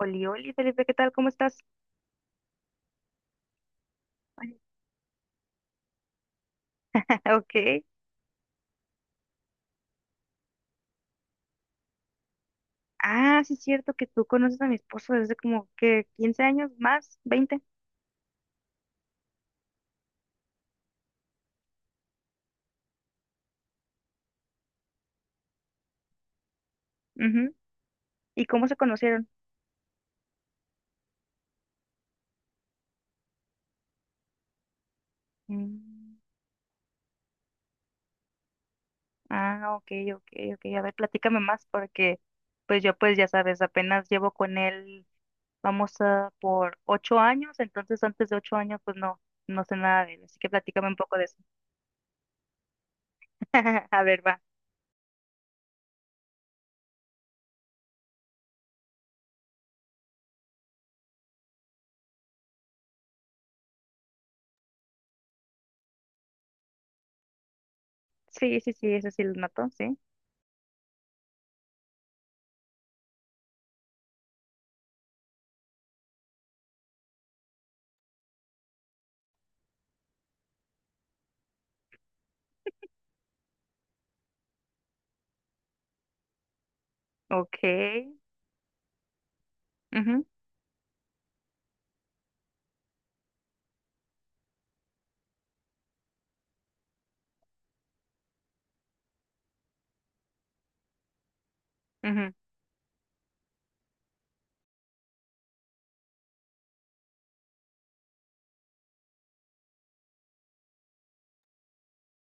Oli, oli, Felipe, ¿qué tal? ¿Cómo estás? Ok. Ah, sí es cierto que tú conoces a mi esposo desde como que 15 años más, 20. Ujú. ¿Y cómo se conocieron? Mm. Ah, ok, ok, ok. A ver, platícame más, porque pues yo, pues ya sabes, apenas llevo con él, vamos a por 8 años, entonces antes de 8 años pues no, no sé nada de él, así que platícame un poco de eso. A ver, va. Sí, sí, sí, eso sí lo noto, sí. Ok. Ujú, ujú.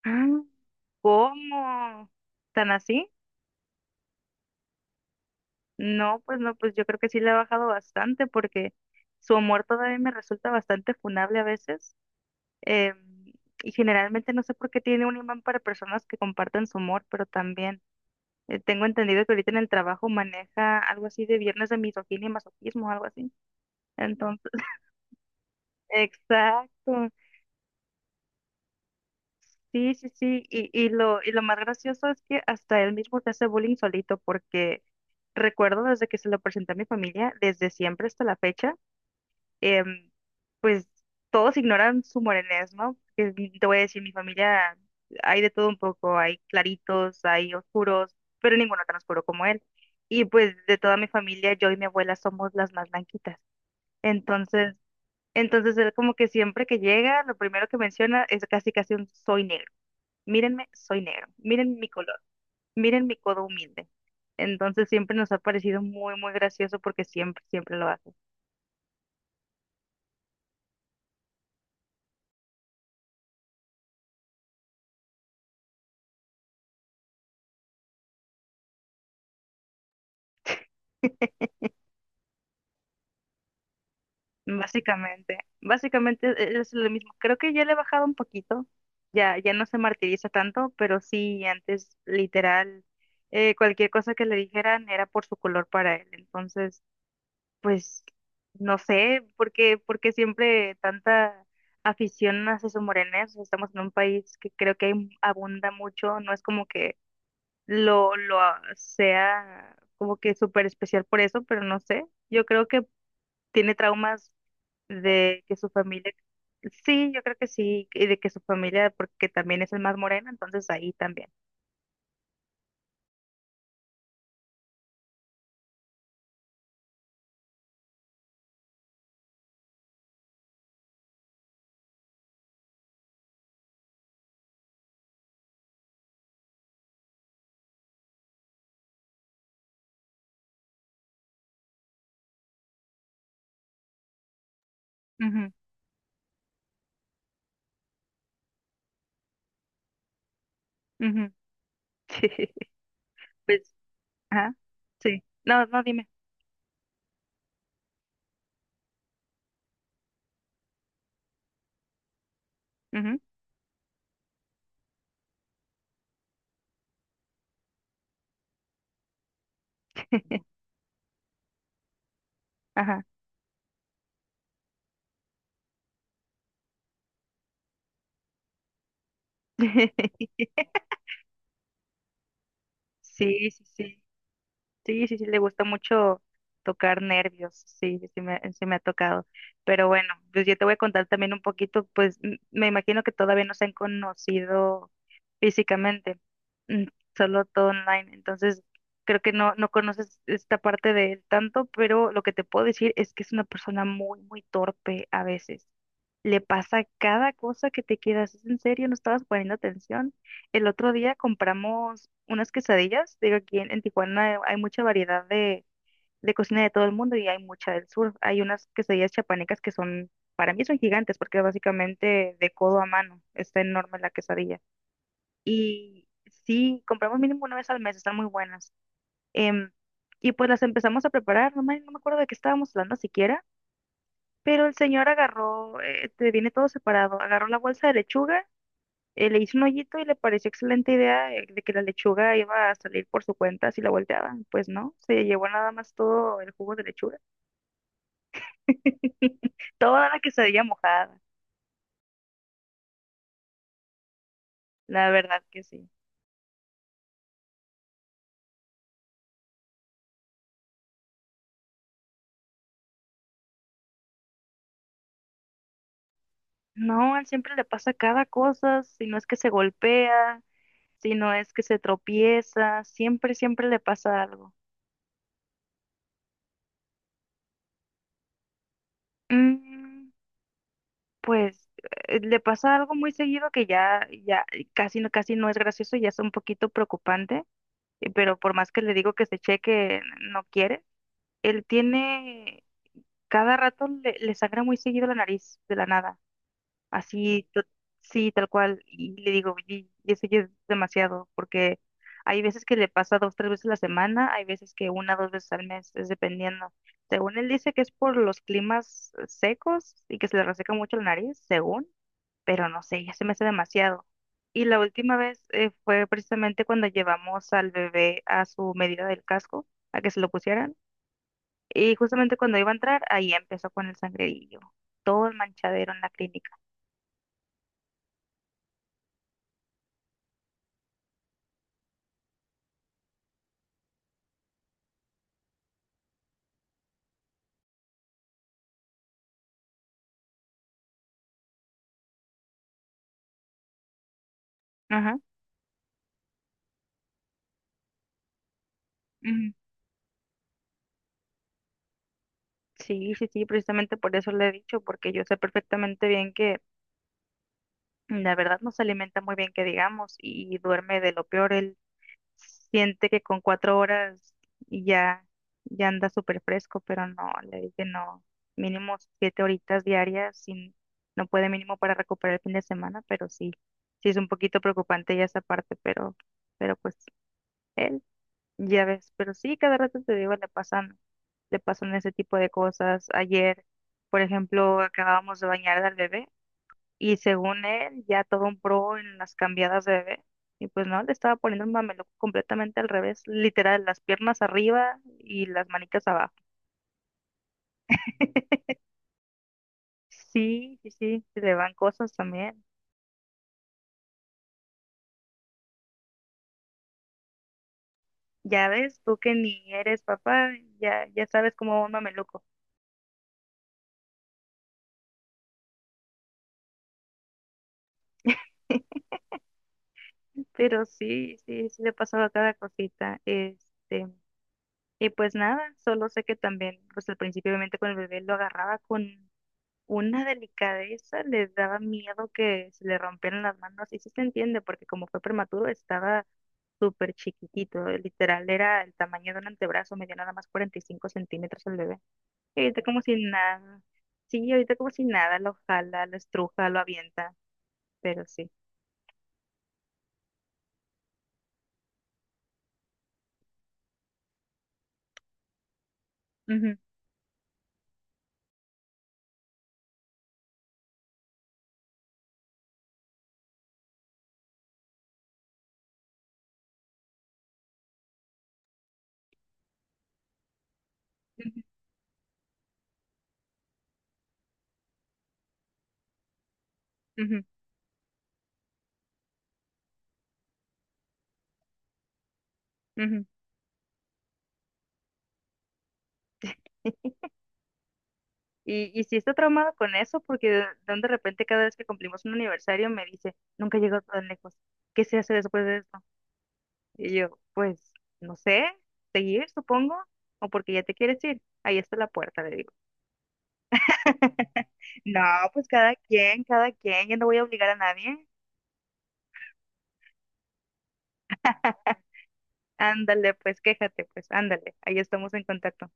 Ah. ¿Cómo? ¿Tan así? No, pues no, pues yo creo que sí le ha bajado bastante, porque su humor todavía me resulta bastante funable a veces. eh, y generalmente no sé por qué tiene un imán para personas que comparten su humor, pero también tengo entendido que ahorita en el trabajo maneja algo así de viernes de misoginia y masoquismo, algo así. Entonces, exacto. Sí, sí, sí, y lo más gracioso es que hasta él mismo se hace bullying solito, porque recuerdo desde que se lo presenté a mi familia, desde siempre hasta la fecha, em, pues todos ignoran su morenés, ¿no? Te voy a decir, mi familia hay de todo un poco, hay claritos, hay oscuros, pero ninguno tan oscuro como él. Y pues de toda mi familia, yo y mi abuela somos las más blanquitas. Entonces, entonces él como que siempre que llega, lo primero que menciona es casi casi un soy negro. Mírenme, soy negro, miren mi color, miren mi codo humilde. Entonces siempre nos ha parecido muy, muy gracioso porque siempre, siempre lo hace. Básicamente, básicamente es lo mismo. Creo que ya le he bajado un poquito, ya, ya no se martiriza tanto, pero sí, antes literal, cualquier cosa que le dijeran era por su color para él. Entonces... Pues no sé por qué siempre tanta afición a Jesús Morenés. Estamos en un país que creo que abunda mucho, no es como que lo sea como que súper especial por eso, pero no sé. Yo creo que tiene traumas de que su familia, sí, yo creo que sí, y de que su familia, porque también es el más moreno, entonces ahí también. Ujú, ujú. Pues, ajá, sí. No, no, dime. Ujú. Ajá. Sí, sí, sí. Sí, sí, sí, le gusta mucho tocar nervios. Sí, sí me ha tocado. Pero bueno, pues yo te voy a contar también un poquito, pues me imagino que todavía no se han conocido físicamente. mm, Solo todo online. Entonces, creo que no, no conoces esta parte de él tanto, pero lo que te puedo decir es que es una persona muy, muy torpe a veces. Le pasa cada cosa que te quedas. ¿Es en serio? ¿No estabas poniendo atención? El otro día compramos unas quesadillas. Digo, aquí en Tijuana hay mucha variedad de cocina de todo el mundo y hay mucha del sur. Hay unas quesadillas chapanecas que son, para mí, son gigantes porque básicamente de codo a mano está enorme la quesadilla. Y sí, compramos mínimo una vez al mes, están muy buenas. Em, y pues las empezamos a preparar, no me acuerdo de qué estábamos hablando siquiera, pero el señor agarró, te viene todo separado, agarró la bolsa de lechuga, le hizo un hoyito y le pareció excelente idea, de que la lechuga iba a salir por su cuenta si la volteaban. Pues no, se llevó nada más todo el jugo de lechuga. Toda la quesadilla mojada, la verdad que sí. No, a él siempre le pasa cada cosa, si no es que se golpea, si no es que se tropieza, siempre, siempre le pasa algo. Mm, pues le pasa algo muy seguido que ya, ya casi no es gracioso, ya es un poquito preocupante. Pero por más que le digo que se cheque, no quiere. Él tiene, cada rato le sangra muy seguido la nariz de la nada. Así, sí, tal cual. Y le digo, y eso ya es demasiado, porque hay veces que le pasa dos, tres veces a la semana, hay veces que una, dos veces al mes, es dependiendo. Según él dice que es por los climas secos y que se le reseca mucho la nariz, según, pero no sé, ya se me hace demasiado. Y la última vez fue precisamente cuando llevamos al bebé a su medida del casco, a que se lo pusieran, y justamente cuando iba a entrar, ahí empezó con el sangrerillo, todo el manchadero en la clínica. Ujú. Sí, sí, sí, precisamente por eso le he dicho, porque yo sé perfectamente bien que la verdad no se alimenta muy bien, que digamos, y duerme de lo peor. Él siente que con 4 horas ya, ya anda súper fresco, pero no, le dije no, mínimo 7 horitas diarias, sin, no puede mínimo para recuperar el fin de semana, pero sí, sí es un poquito preocupante ya esa parte, pero pues él. Ya ves, pero sí, cada rato te digo, le pasan ese tipo de cosas. Ayer, por ejemplo, acabábamos de bañar al bebé y según él, ya todo un pro en las cambiadas de bebé. Y pues no, le estaba poniendo un mameluco completamente al revés, literal, las piernas arriba y las manitas abajo. Sí, sí, sí, se le van cosas también. Ya ves, tú que ni eres papá, ya, ya sabes cómo va un mameluco. Pero sí, sí, sí le pasaba cada cosita. Y pues nada, solo sé que también, pues al principio obviamente con el bebé lo agarraba con una delicadeza, le daba miedo que se le rompieran las manos. Y sí se entiende, porque como fue prematuro, estaba súper chiquitito, literal, era el tamaño de un antebrazo, medía nada más 45 centímetros el bebé. Y ahorita como si nada, sí, ahorita como si nada, lo jala, lo estruja, lo avienta, pero sí. Ujú, ujú, ujú, ujú. Y sí está traumado con eso, porque de un de repente cada vez que cumplimos un aniversario me dice, nunca llegó tan lejos. ¿Qué se hace después de esto? Y yo, pues, no sé, seguir, supongo, o porque ya te quieres ir. Ahí está la puerta, le digo. No, pues cada quien, yo no voy a obligar a nadie. Ándale, pues quéjate, pues ándale, ahí estamos en contacto.